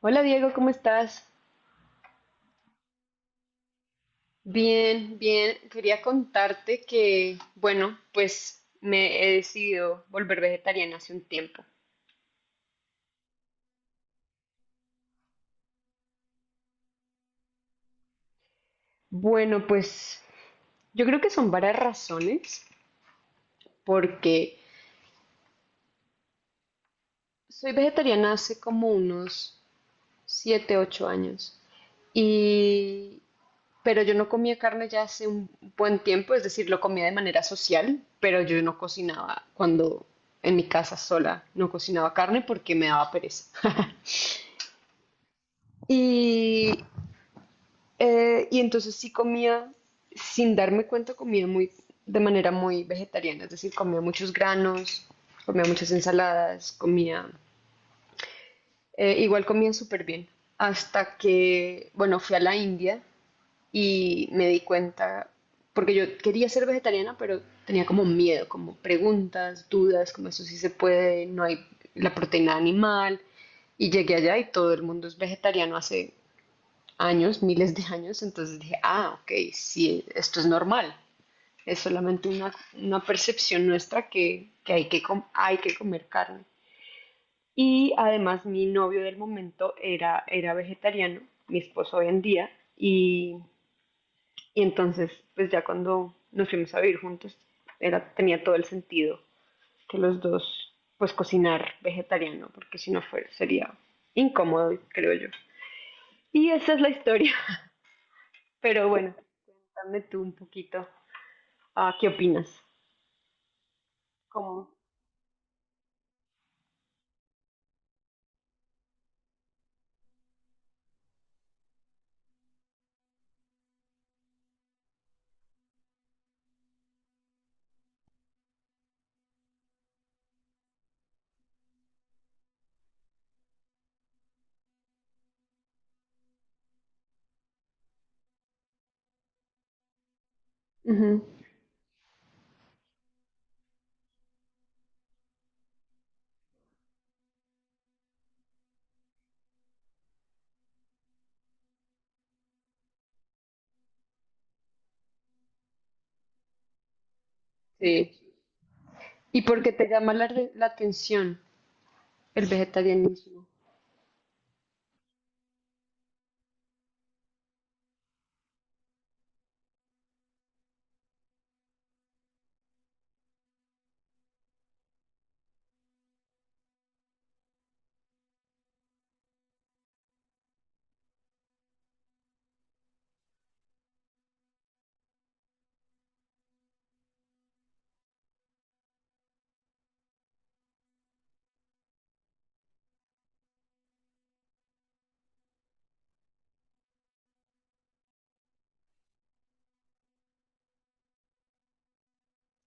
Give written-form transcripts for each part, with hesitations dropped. Hola Diego, ¿cómo estás? Bien, bien. Quería contarte que, bueno, pues me he decidido volver vegetariana hace un tiempo. Bueno, pues yo creo que son varias razones, porque soy vegetariana hace como unos 7, 8 años, y, pero yo no comía carne ya hace un buen tiempo, es decir, lo comía de manera social, pero yo no cocinaba cuando en mi casa sola, no cocinaba carne porque me daba pereza. Y, y entonces sí comía, sin darme cuenta, de manera muy vegetariana, es decir, comía muchos granos, comía muchas ensaladas, igual comía súper bien, hasta que, bueno, fui a la India y me di cuenta, porque yo quería ser vegetariana, pero tenía como miedo, como preguntas, dudas, como eso sí se puede, no hay la proteína animal, y llegué allá y todo el mundo es vegetariano hace años, miles de años, entonces dije, ah, ok, sí, esto es normal, es solamente una percepción nuestra que hay que comer carne. Y además mi novio del momento era vegetariano, mi esposo hoy en día, y, y entonces pues ya cuando nos fuimos a vivir juntos tenía todo el sentido que los dos pues cocinar vegetariano, porque si no sería incómodo, creo yo. Y esa es la historia. Pero bueno, cuéntame tú un poquito, ¿qué opinas? ¿Cómo? Ujú. Sí. ¿Y por qué te llama la atención el vegetarianismo?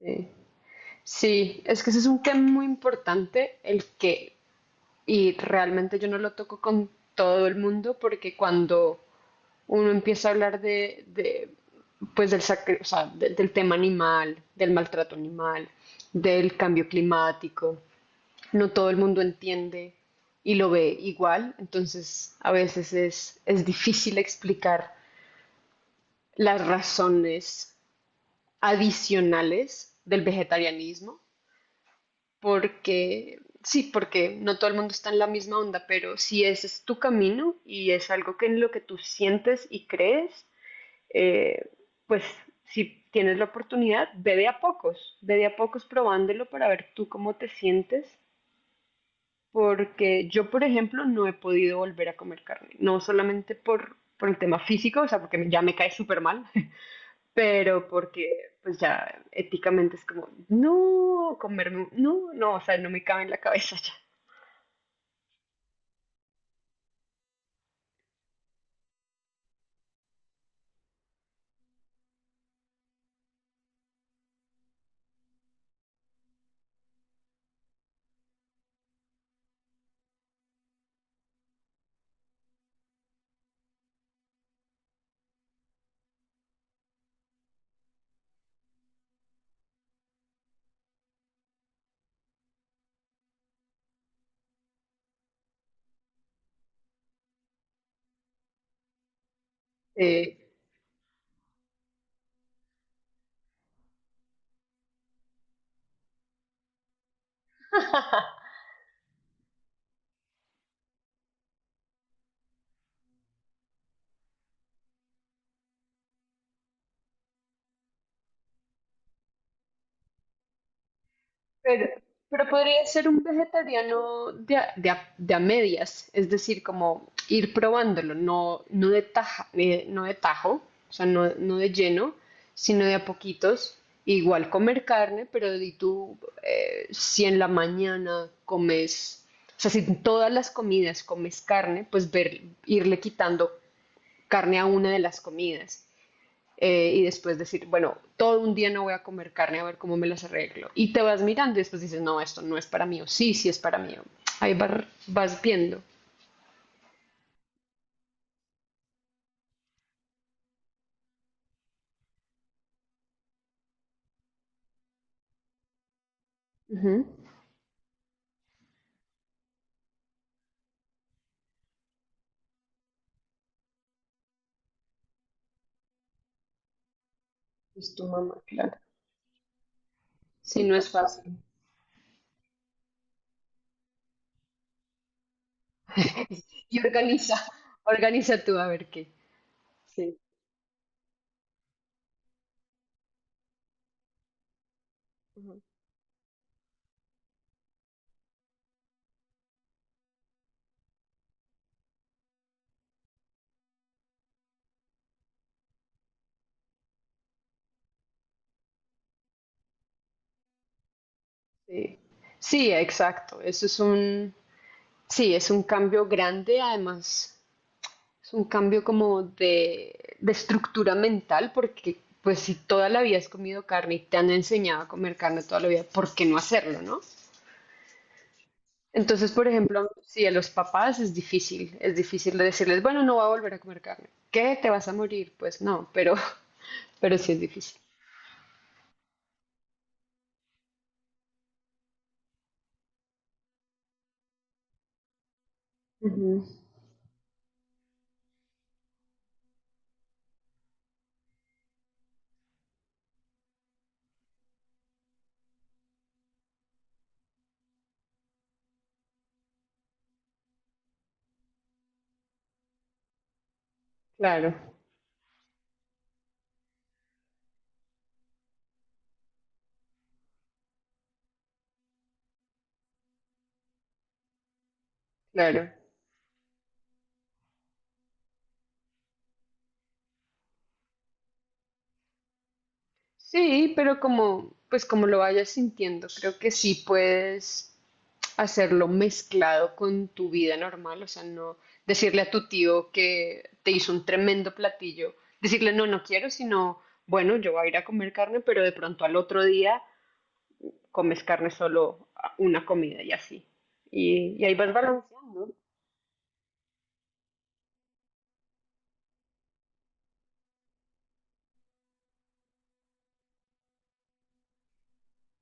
Sí. Sí, es que ese es un tema muy importante, y realmente yo no lo toco con todo el mundo, porque cuando uno empieza a hablar pues o sea, del tema animal, del maltrato animal, del cambio climático, no todo el mundo entiende y lo ve igual, entonces a veces es difícil explicar las razones adicionales del vegetarianismo, porque sí, porque no todo el mundo está en la misma onda, pero si ese es tu camino y es algo que en lo que tú sientes y crees, eh, pues si tienes la oportunidad, ve de a pocos, ve de a pocos probándolo para ver tú cómo te sientes porque yo, por ejemplo, no he podido volver a comer carne, no solamente por el tema físico, o sea, porque ya me cae súper mal, pero porque pues ya éticamente es como, no, comerme, no, no, no, o sea, no me cabe en la cabeza ya. Eh, Pero, pero podría ser un vegetariano de a medias, es decir, como ir probándolo, no, no de tajo, o sea, no, no de lleno, sino de a poquitos. Igual comer carne, pero di tú, si en la mañana comes, o sea, si en todas las comidas comes carne, irle quitando carne a una de las comidas y después decir, bueno, todo un día no voy a comer carne a ver cómo me las arreglo. Y te vas mirando y después dices, no, esto no es para mí, o sí, sí es para mí. Ahí vas viendo. Ujú. Es tu mamá, claro. Sí, no es fácil. Y organiza tú a ver qué. Sí. Ujú. Sí, sí, exacto. Sí, es un cambio grande, además. Es un cambio como de estructura mental, porque pues si toda la vida has comido carne y te han enseñado a comer carne toda la vida, ¿por qué no hacerlo, no? Entonces, por ejemplo, si a los papás es difícil de decirles, bueno, no va a volver a comer carne. ¿Qué? ¿Te vas a morir? Pues no, pero, pero sí es difícil. Ujú. Claro, claro. Sí, pero pues como lo vayas sintiendo, creo que sí puedes hacerlo mezclado con tu vida normal, o sea, no decirle a tu tío que te hizo un tremendo platillo, decirle no, no quiero, sino, bueno, yo voy a ir a comer carne, pero de pronto al otro día comes carne solo una comida y así. Y ahí vas balanceando.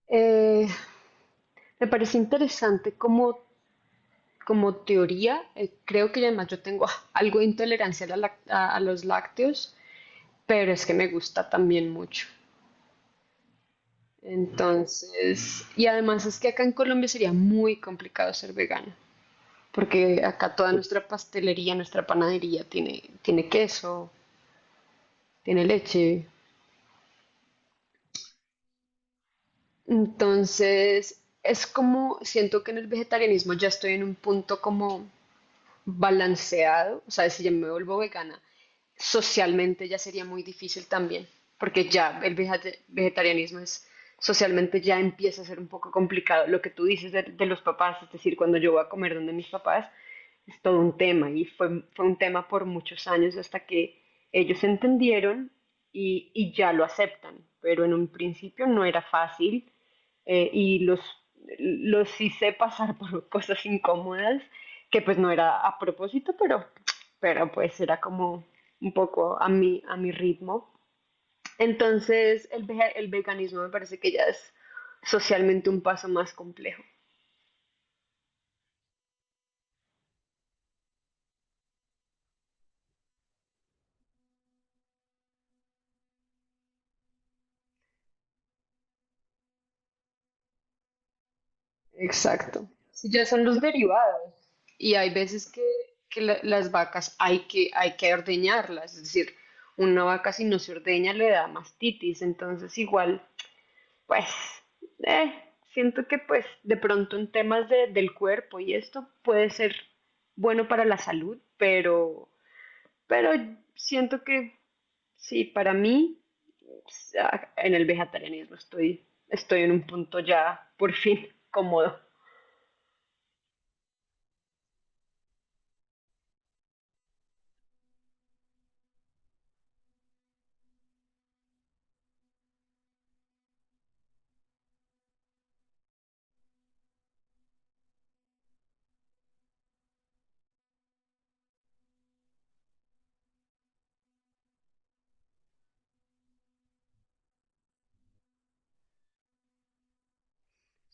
Eh, Me parece interesante cómo como teoría, creo que además yo tengo algo de intolerancia a, la lac- a los lácteos, pero es que me gusta también mucho. Entonces, y además es que acá en Colombia sería muy complicado ser vegano, porque acá toda nuestra pastelería, nuestra panadería tiene queso, tiene leche. Entonces, es como, siento que en el vegetarianismo ya estoy en un punto como balanceado, o sea, si yo me vuelvo vegana, socialmente ya sería muy difícil también, porque ya el vegetarianismo es socialmente ya empieza a ser un poco complicado. Lo que tú dices de los papás, es decir, cuando yo voy a comer donde mis papás, es todo un tema y fue un tema por muchos años hasta que ellos entendieron y ya lo aceptan, pero en un principio no era fácil y los hice pasar por cosas incómodas que pues no era a propósito, pero pues era como un poco a mi ritmo. Entonces el veganismo me parece que ya es socialmente un paso más complejo. Exacto. Sí, ya son los derivados. Y hay veces que las vacas hay que ordeñarlas, es decir, una vaca si no se ordeña le da mastitis, entonces igual. Pues, eh, siento que pues de pronto en temas del cuerpo y esto puede ser bueno para la salud, pero siento que sí, para mí en el vegetarianismo estoy en un punto ya por fin cómodo.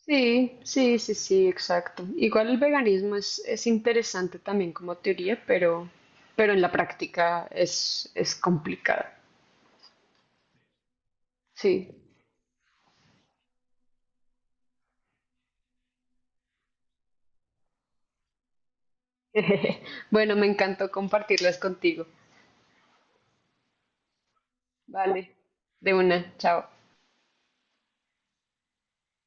Sí, sí, sí, sí, exacto. Igual el veganismo es interesante también como teoría, pero en la práctica es complicada. Sí. Bueno, me encantó compartirlas contigo. Vale, de una, chao.